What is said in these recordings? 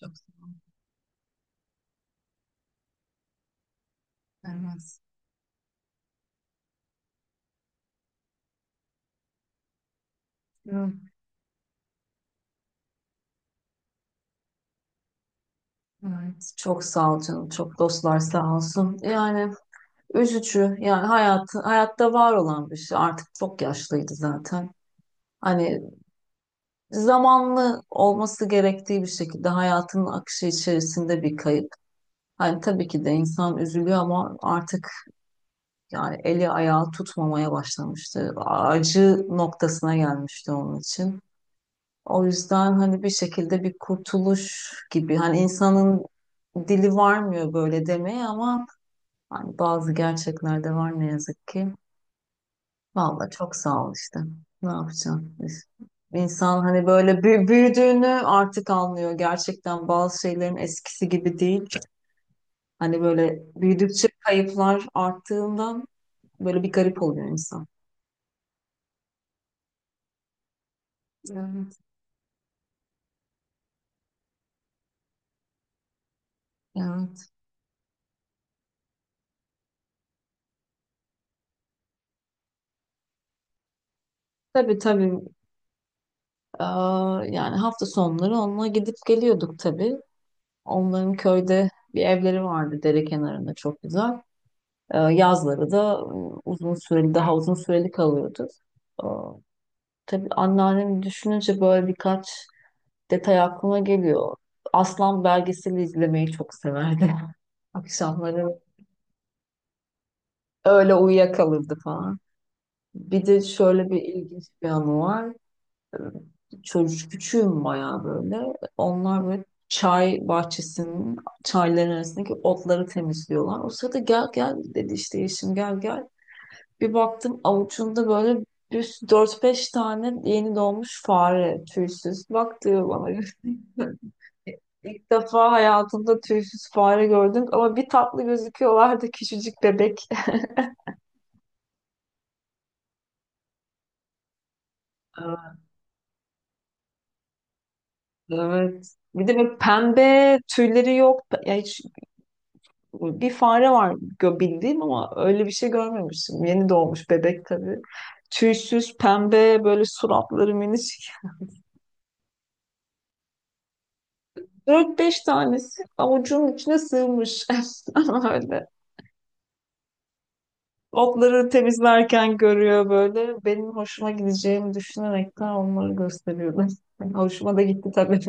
Çok sağ ol. Vermez. Yok, evet. Çok sağ ol canım. Çok dostlar sağ olsun. Yani üzücü. Yani hayat, hayatta var olan bir şey. Artık çok yaşlıydı zaten. Hani zamanlı olması gerektiği bir şekilde hayatının akışı içerisinde bir kayıp. Hani tabii ki de insan üzülüyor ama artık yani eli ayağı tutmamaya başlamıştı. Acı noktasına gelmişti onun için. O yüzden hani bir şekilde bir kurtuluş gibi hani insanın dili varmıyor böyle demeye ama hani bazı gerçekler de var ne yazık ki. Vallahi çok sağ ol işte. Ne yapacağım? İnsan hani böyle büyüdüğünü artık anlıyor. Gerçekten bazı şeylerin eskisi gibi değil. Hani böyle büyüdükçe kayıplar arttığından böyle bir garip oluyor insan. Evet, evet. Tabii tabii. Aa, yani hafta sonları onunla gidip geliyorduk tabii. Onların köyde bir evleri vardı dere kenarında çok güzel. Yazları da uzun süreli daha uzun süreli kalıyordu. Ee, tabii anneannemi düşününce böyle birkaç detay aklıma geliyor. Aslan belgeseli izlemeyi çok severdi. Akşamları öyle uyuyakalırdı falan. Bir de şöyle bir ilginç bir anı var. Çocuk küçüğüm bayağı böyle. Onlar böyle çay bahçesinin çayların arasındaki otları temizliyorlar. O sırada gel gel dedi işte yeşim gel gel. Bir baktım avucunda böyle bir 4-5 tane yeni doğmuş fare tüysüz. Bak diyor bana. İlk defa hayatımda tüysüz fare gördüm ama bir tatlı gözüküyorlardı küçücük bebek. Evet. Bir de böyle pembe tüyleri yok. Ya hiç bir fare var bildiğim ama öyle bir şey görmemiştim. Yeni doğmuş bebek tabii. Tüysüz, pembe, böyle suratları minicik. Dört beş tanesi avucunun içine sığmış. Öyle. Otları temizlerken görüyor böyle. Benim hoşuma gideceğimi düşünerekten onları gösteriyordum. Hoşuma da gitti tabii.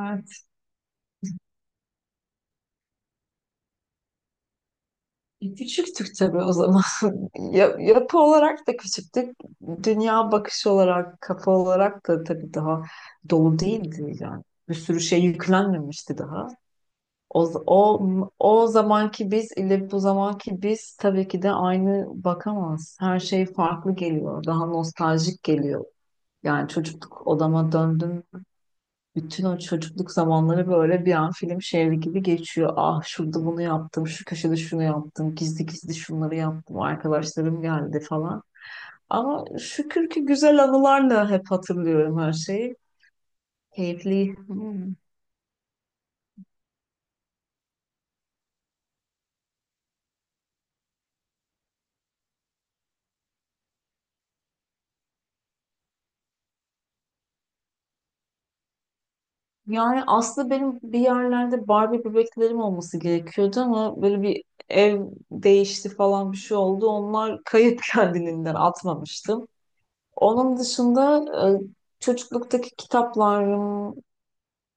Evet. Küçüktük tabii o zaman. Yapı olarak da küçüktük. Dünya bakışı olarak, kafa olarak da tabii daha dolu değildi yani. Bir sürü şey yüklenmemişti daha. O, o, o zamanki biz ile bu zamanki biz tabii ki de aynı bakamaz. Her şey farklı geliyor. Daha nostaljik geliyor. Yani çocukluk odama döndüm. Bütün o çocukluk zamanları böyle bir an film şehri gibi geçiyor. Ah şurada bunu yaptım, şu köşede şunu yaptım, gizli gizli şunları yaptım, arkadaşlarım geldi falan. Ama şükür ki güzel anılarla hep hatırlıyorum her şeyi. Keyifli. Hmm. Yani aslında benim bir yerlerde Barbie bebeklerim olması gerekiyordu ama böyle bir ev değişti falan bir şey oldu. Onlar kayıp, kendiliğinden atmamıştım. Onun dışında çocukluktaki kitaplarım,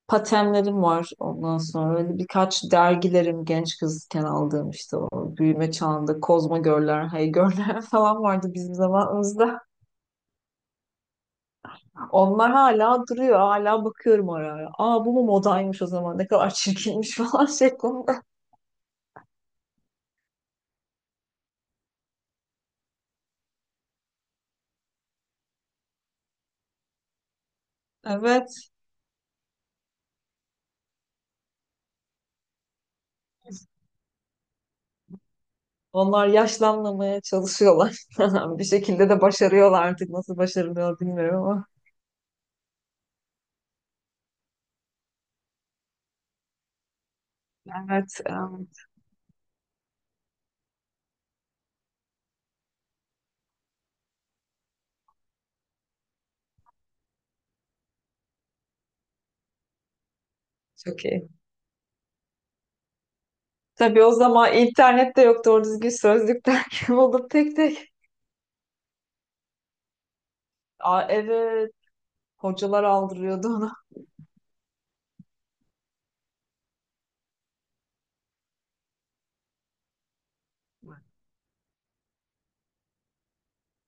patenlerim var. Ondan sonra öyle birkaç dergilerim genç kızken aldığım işte o büyüme çağında Kozma Görler, Hey Görler falan vardı bizim zamanımızda. Onlar hala duruyor. Hala bakıyorum ara ara. Aa bu mu modaymış o zaman? Ne kadar çirkinmiş falan şeklinde. Evet. Onlar yaşlanmamaya çalışıyorlar. Bir şekilde de başarıyorlar artık. Nasıl başarılıyor bilmiyorum ama. Evet, evet. Çok iyi. Tabii o zaman internet de yoktu. Doğru düzgün sözlük derken olup tek tek. Aa evet. Hocalar aldırıyordu onu.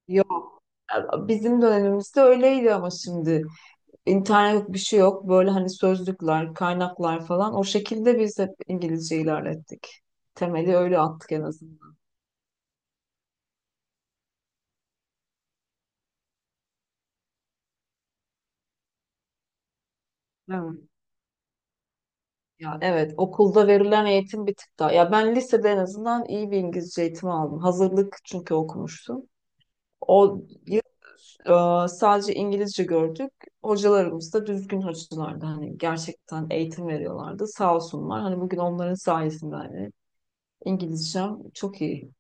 Yok. Bizim dönemimizde öyleydi ama şimdi. İnternet yok, bir şey yok. Böyle hani sözlükler, kaynaklar falan. O şekilde biz hep İngilizce ilerlettik. Temeli öyle attık en azından. Evet. Ya evet, okulda verilen eğitim bir tık daha. Ya ben lisede en azından iyi bir İngilizce eğitimi aldım. Hazırlık çünkü okumuştum. O yıl sadece İngilizce gördük. Hocalarımız da düzgün hocalardı. Hani gerçekten eğitim veriyorlardı. Sağ olsunlar. Hani bugün onların sayesinde hani İngilizcem çok iyi.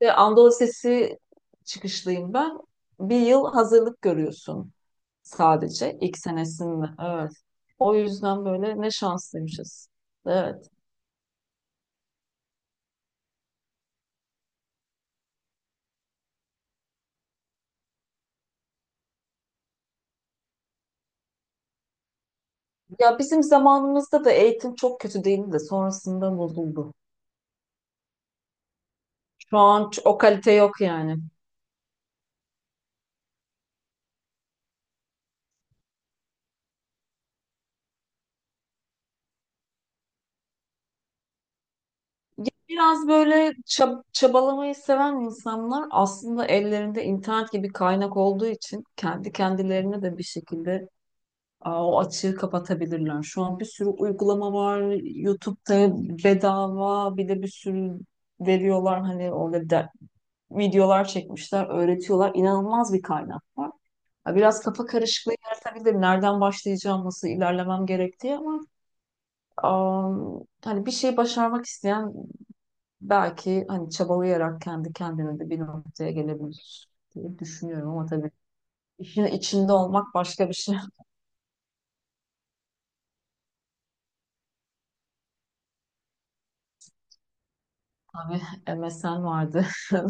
Ve Anadolu Lisesi çıkışlıyım ben. Bir yıl hazırlık görüyorsun sadece ilk senesinde. Evet. O yüzden böyle ne şanslıymışız. Evet. Ya bizim zamanımızda da eğitim çok kötü değildi de sonrasında bozuldu. Şu an o kalite yok yani. Ya biraz böyle çabalamayı seven insanlar aslında ellerinde internet gibi kaynak olduğu için kendi kendilerine de bir şekilde aa, o açığı kapatabilirler. Şu an bir sürü uygulama var. YouTube'da bedava bir de bir sürü veriyorlar. Hani orada videolar çekmişler, öğretiyorlar. İnanılmaz bir kaynak var. Ha, biraz kafa karışıklığı yaratabilir. Nereden başlayacağım, nasıl ilerlemem gerektiği ama aa, hani bir şey başarmak isteyen belki hani çabalayarak kendi kendine de bir noktaya gelebilir diye düşünüyorum ama tabii işin içinde olmak başka bir şey. Tabii MSN vardı.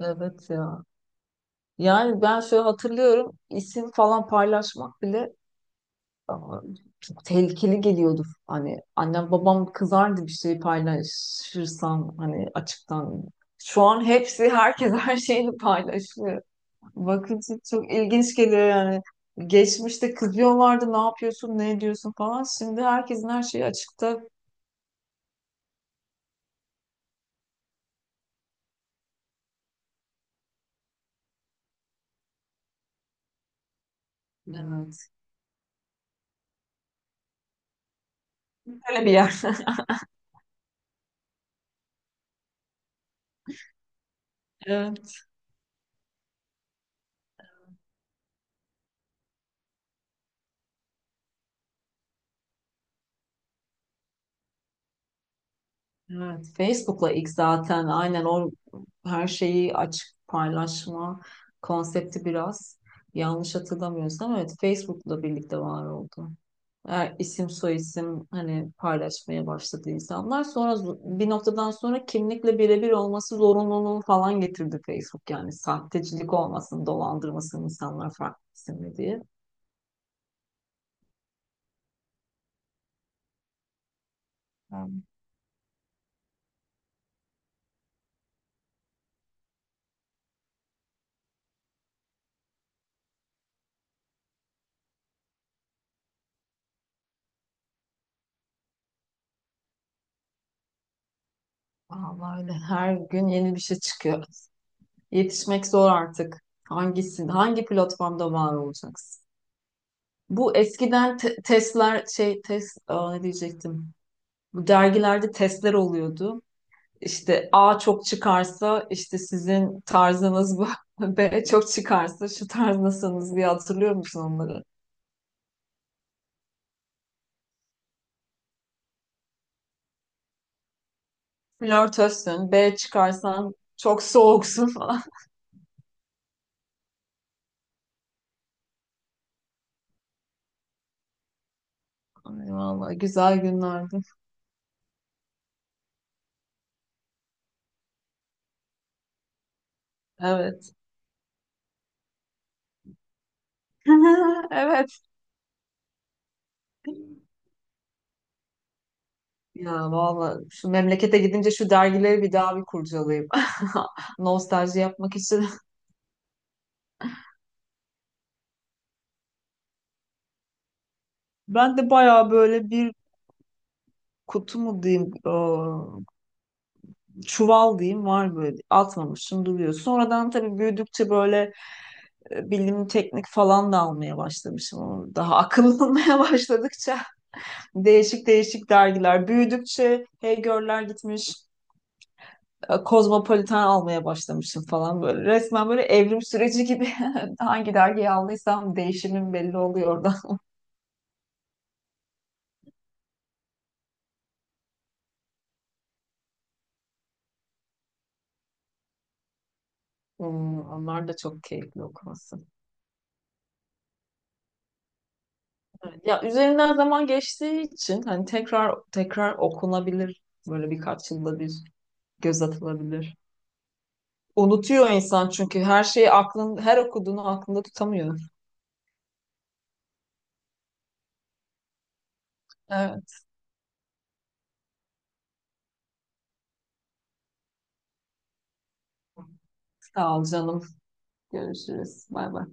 Evet ya. Yani ben şöyle hatırlıyorum isim falan paylaşmak bile aa, çok tehlikeli geliyordu. Hani annem babam kızardı bir şey paylaşırsan hani açıktan. Şu an hepsi herkes her şeyini paylaşıyor. Bakınca çok ilginç geliyor yani. Geçmişte kızıyorlardı ne yapıyorsun ne ediyorsun falan. Şimdi herkesin her şeyi açıkta. Evet. Böyle bir yer. Evet, Facebook'la ilk zaten aynen o her şeyi açık paylaşma konsepti biraz yanlış hatırlamıyorsam evet Facebook'la birlikte var oldu. Eğer isim soyisim hani paylaşmaya başladı insanlar sonra bir noktadan sonra kimlikle birebir olması zorunluluğu falan getirdi Facebook yani sahtecilik olmasın dolandırmasın insanlar farklı isimli diye. Ben- Vallahi öyle her gün yeni bir şey çıkıyor. Yetişmek zor artık. Hangisin, hangi platformda var olacaksın? Bu eskiden testler şey test aa, ne diyecektim? Bu dergilerde testler oluyordu. İşte A çok çıkarsa işte sizin tarzınız bu. B çok çıkarsa şu tarzdasınız diye hatırlıyor musun onları? Flörtözsün. B çıkarsan çok soğuksun falan. Ay, vallahi güzel günlerdi. Evet. Evet. Ya valla şu memlekete gidince şu dergileri bir daha bir kurcalayayım. Nostalji yapmak için. Ben de bayağı böyle bir kutu mu diyeyim, çuval diyeyim var böyle atmamışım duruyor. Sonradan tabii büyüdükçe böyle bilim teknik falan da almaya başlamışım. Ama daha akıllanmaya başladıkça değişik değişik dergiler. Büyüdükçe Heygör'ler gitmiş, kozmopolitan almaya başlamışım falan böyle. Resmen böyle evrim süreci gibi hangi dergiyi aldıysam değişimim belli oluyor orada. Hmm, onlar da çok keyifli okuması. Evet, ya üzerinden zaman geçtiği için hani tekrar tekrar okunabilir. Böyle birkaç yılda bir göz atılabilir. Unutuyor insan çünkü her şeyi aklın her okuduğunu aklında tutamıyor. Evet. Sağ ol canım. Görüşürüz. Bay bay.